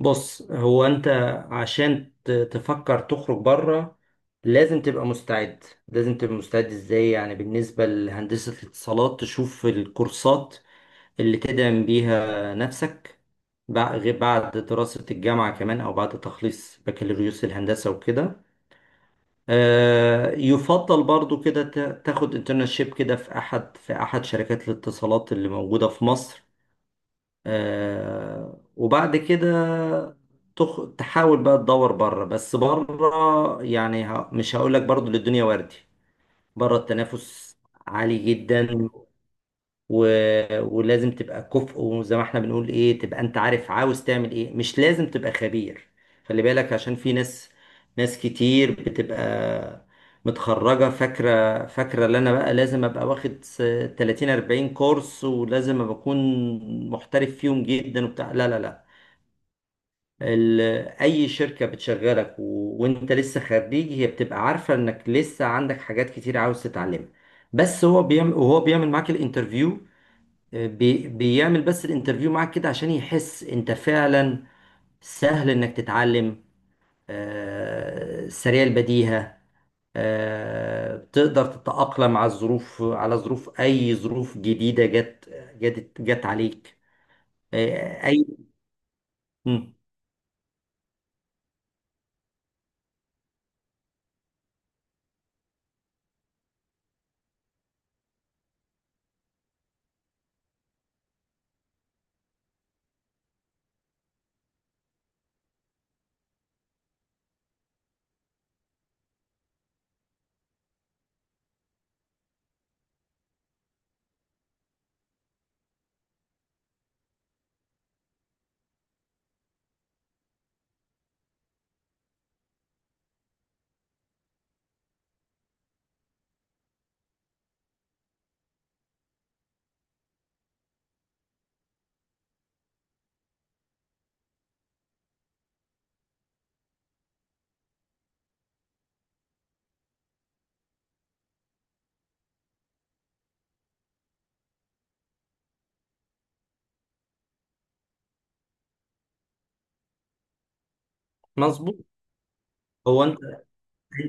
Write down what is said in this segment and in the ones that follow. بص، هو انت عشان تفكر تخرج بره لازم تبقى مستعد. لازم تبقى مستعد ازاي؟ يعني بالنسبة لهندسة الاتصالات تشوف الكورسات اللي تدعم بيها نفسك غير بعد دراسة الجامعة كمان، او بعد تخليص بكالوريوس الهندسة وكده. آه، يفضل برضو كده تاخد انترنشيب كده في احد، في احد شركات الاتصالات اللي موجودة في مصر. آه، وبعد كده تحاول بقى تدور بره. بس بره يعني، مش هقول لك برضو للدنيا وردي. بره التنافس عالي جدا، و... ولازم تبقى كفء، وزي ما احنا بنقول ايه، تبقى انت عارف عاوز تعمل ايه. مش لازم تبقى خبير، خلي بالك، عشان في ناس، ناس كتير بتبقى متخرجة فاكرة، اللي انا بقى لازم ابقى واخد 30 40 كورس، ولازم ابقى اكون محترف فيهم جدا وبتاع. لا لا لا، ال... اي شركة بتشغلك وانت لسه خريج هي بتبقى عارفة انك لسه عندك حاجات كتير عاوز تتعلمها. بس هو بيعمل، وهو بيعمل معاك الانترفيو، بيعمل بس الانترفيو معاك كده عشان يحس انت فعلا سهل انك تتعلم. آه، سريع البديهة. آه، تقدر تتأقلم على الظروف، على ظروف اي ظروف جديدة جت عليك. آه، اي. مم، مظبوط. هو انت،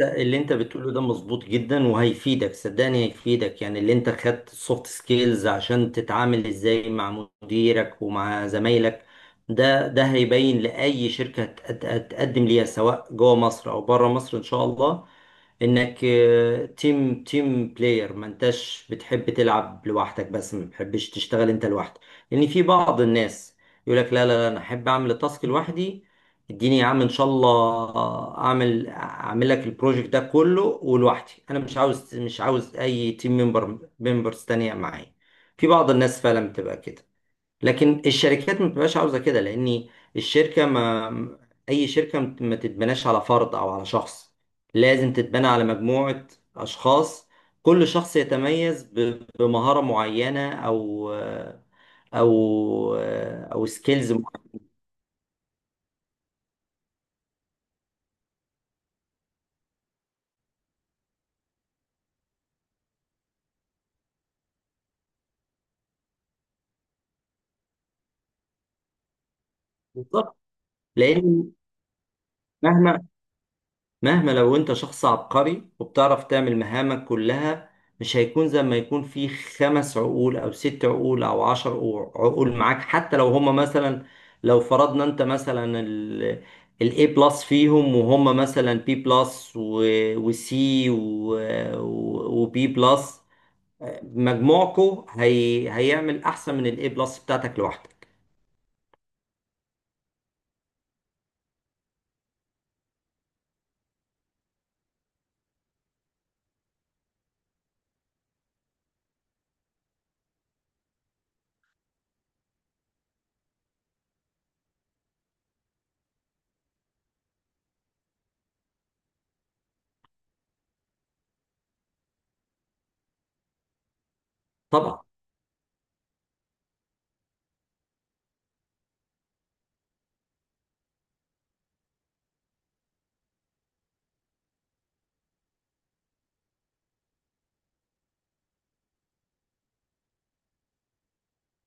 اللي انت بتقوله ده مظبوط جدا، وهيفيدك، صدقني هيفيدك. يعني اللي انت خدت سوفت سكيلز عشان تتعامل ازاي مع مديرك ومع زمايلك، ده، ده هيبين لأي شركة هتقدم ليها سواء جوه مصر او بره مصر ان شاء الله، انك تيم بلاير، ما انتش بتحب تلعب لوحدك، بس ما بتحبش تشتغل انت لوحدك. لان في بعض الناس يقول لك لا لا لا، انا احب اعمل التاسك لوحدي، اديني يا عم ان شاء الله، اعمل لك البروجكت ده كله ولوحدي، انا مش عاوز، اي تيم ممبرز تانية معايا. في بعض الناس فعلا بتبقى كده، لكن الشركات ما بتبقاش عاوزة كده، لان الشركة ما اي شركة ما تتبناش على فرد او على شخص، لازم تتبنى على مجموعة اشخاص، كل شخص يتميز بمهارة معينة، او او سكيلز معينة. بالظبط، لان مهما مهما لو انت شخص عبقري وبتعرف تعمل مهامك كلها، مش هيكون زي ما يكون في خمس عقول او ست عقول او عشر عقول معاك. حتى لو هما مثلا، لو فرضنا انت مثلا الاي بلس فيهم، وهم مثلا بي بلس وسي وبي بلس، مجموعكو هي هيعمل احسن من الاي بلس بتاعتك لوحدك. طبعا،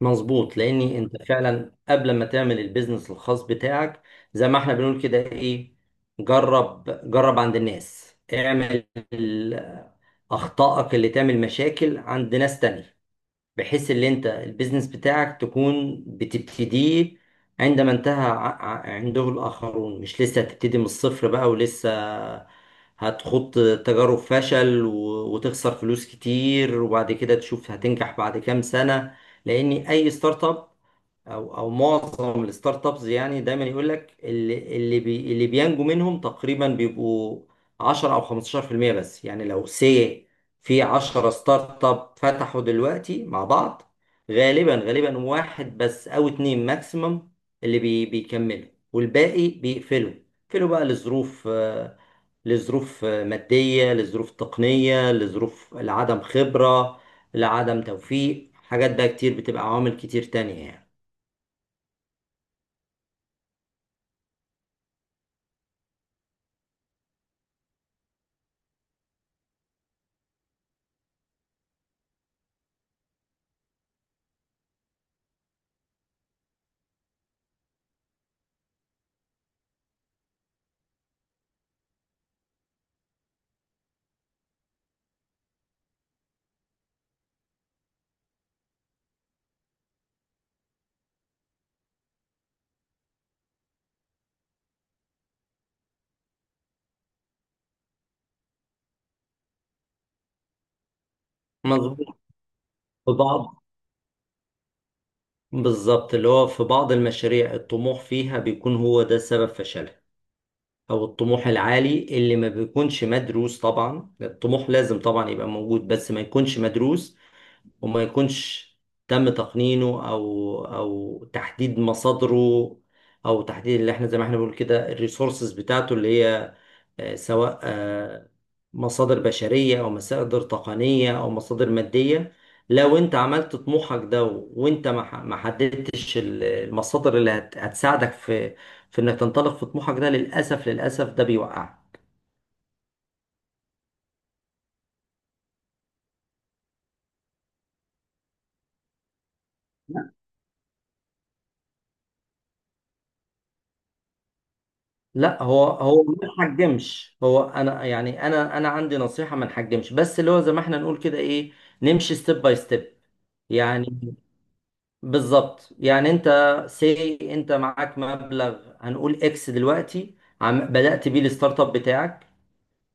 مظبوط، لاني انت فعلا قبل ما تعمل البيزنس الخاص بتاعك، زي ما احنا بنقول كده ايه، جرب، جرب عند الناس، اعمل ال- اخطائك اللي تعمل مشاكل عند ناس تانية، بحيث ان انت البيزنس بتاعك تكون بتبتديه عندما انتهى عنده الاخرون، مش لسه هتبتدي من الصفر بقى ولسه هتخوض تجارب فشل وتخسر فلوس كتير، وبعد كده تشوف هتنجح بعد كام سنة. لان اي ستارت اب، او معظم الستارت ابس يعني، دايما يقول لك اللي بينجو منهم تقريبا بيبقوا 10 او 15%. بس يعني لو سي في 10 ستارت اب فتحوا دلوقتي مع بعض، غالبا غالبا واحد بس او اتنين ماكسيمم اللي بي بيكملوا، والباقي بيقفلوا. بيقفلوا بقى لظروف، لظروف مادية، لظروف تقنية، لظروف لعدم خبرة، لعدم توفيق، حاجات بقى كتير، بتبقى عوامل كتير تانية يعني. مظبوط، في بعض بالظبط، اللي هو في بعض المشاريع الطموح فيها بيكون هو ده سبب فشلها، او الطموح العالي اللي ما بيكونش مدروس. طبعا الطموح لازم طبعا يبقى موجود، بس ما يكونش مدروس، وما يكونش تم تقنينه، او تحديد مصادره، او تحديد اللي احنا زي ما احنا بنقول كده الريسورسز بتاعته، اللي هي آه، سواء آه، مصادر بشرية، أو مصادر تقنية، أو مصادر مادية. لو أنت عملت طموحك ده وأنت ما حددتش المصادر اللي هتساعدك في في إنك تنطلق في طموحك ده، للأسف للأسف ده بيوقعك. لا، هو ما نحجمش. هو انا يعني، انا عندي نصيحه ما نحجمش، بس اللي هو زي ما احنا نقول كده ايه، نمشي ستيب باي ستيب. يعني بالظبط، يعني انت سي انت معاك مبلغ، هنقول اكس دلوقتي، عم بدأت بيه الستارت اب بتاعك،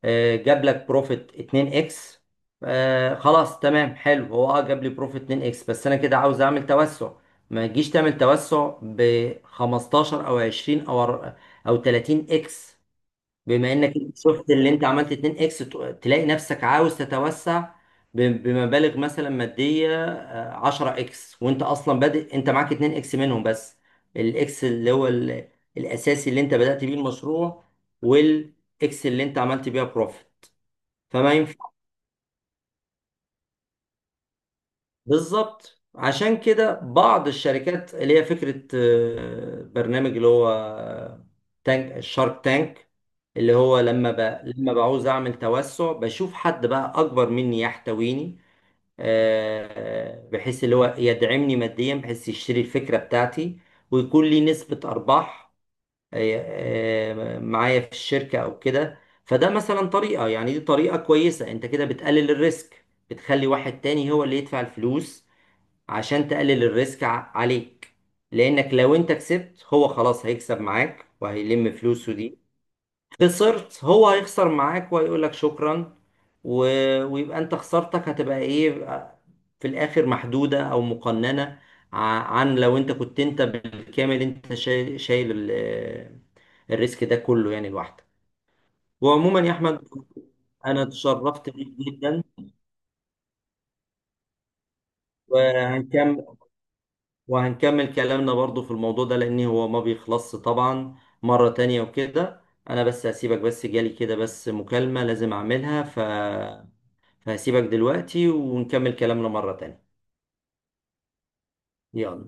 آه، جاب لك بروفيت 2 اكس. آه، خلاص تمام حلو، هو اه جاب لي بروفيت 2 اكس بس انا كده عاوز اعمل توسع. ما تجيش تعمل توسع ب 15 او 20 او 30 اكس. بما انك انت شفت اللي انت عملت 2 اكس، تلاقي نفسك عاوز تتوسع بمبالغ مثلا مادية 10 اكس، وانت اصلا بادئ انت معاك 2 اكس منهم بس، الاكس اللي هو الاساسي اللي انت بدأت بيه المشروع، والاكس اللي انت عملت بيها بروفيت، فما ينفعش. بالظبط، عشان كده بعض الشركات اللي هي فكرة آه، برنامج اللي هو آه، تانك الشارك تانك، اللي هو لما بعوز اعمل توسع بشوف حد بقى اكبر مني يحتويني، آه، بحيث اللي هو يدعمني ماديا، بحيث يشتري الفكرة بتاعتي ويكون لي نسبة ارباح، آه، آه، معايا في الشركة او كده. فده مثلا طريقة، يعني دي طريقة كويسة، انت كده بتقلل الريسك، بتخلي واحد تاني هو اللي يدفع الفلوس عشان تقلل الريسك عليك. لانك لو انت كسبت، هو خلاص هيكسب معاك وهيلم فلوسه دي، خسرت هو هيخسر معاك وهيقولك شكرا، و... ويبقى انت خسارتك هتبقى ايه، آه، في الاخر محدودة او مقننة، ع- عن لو انت كنت انت بالكامل انت شايل الريسك ده كله يعني لوحدك. وعموما يا احمد، انا اتشرفت بيك جدا، وهنكمل وهنكمل كلامنا برضو في الموضوع ده لأن هو ما بيخلصش طبعا، مرة تانية وكده. أنا بس هسيبك، بس جالي كده بس مكالمة لازم أعملها، فهسيبك دلوقتي ونكمل كلامنا مرة تانية. يلا.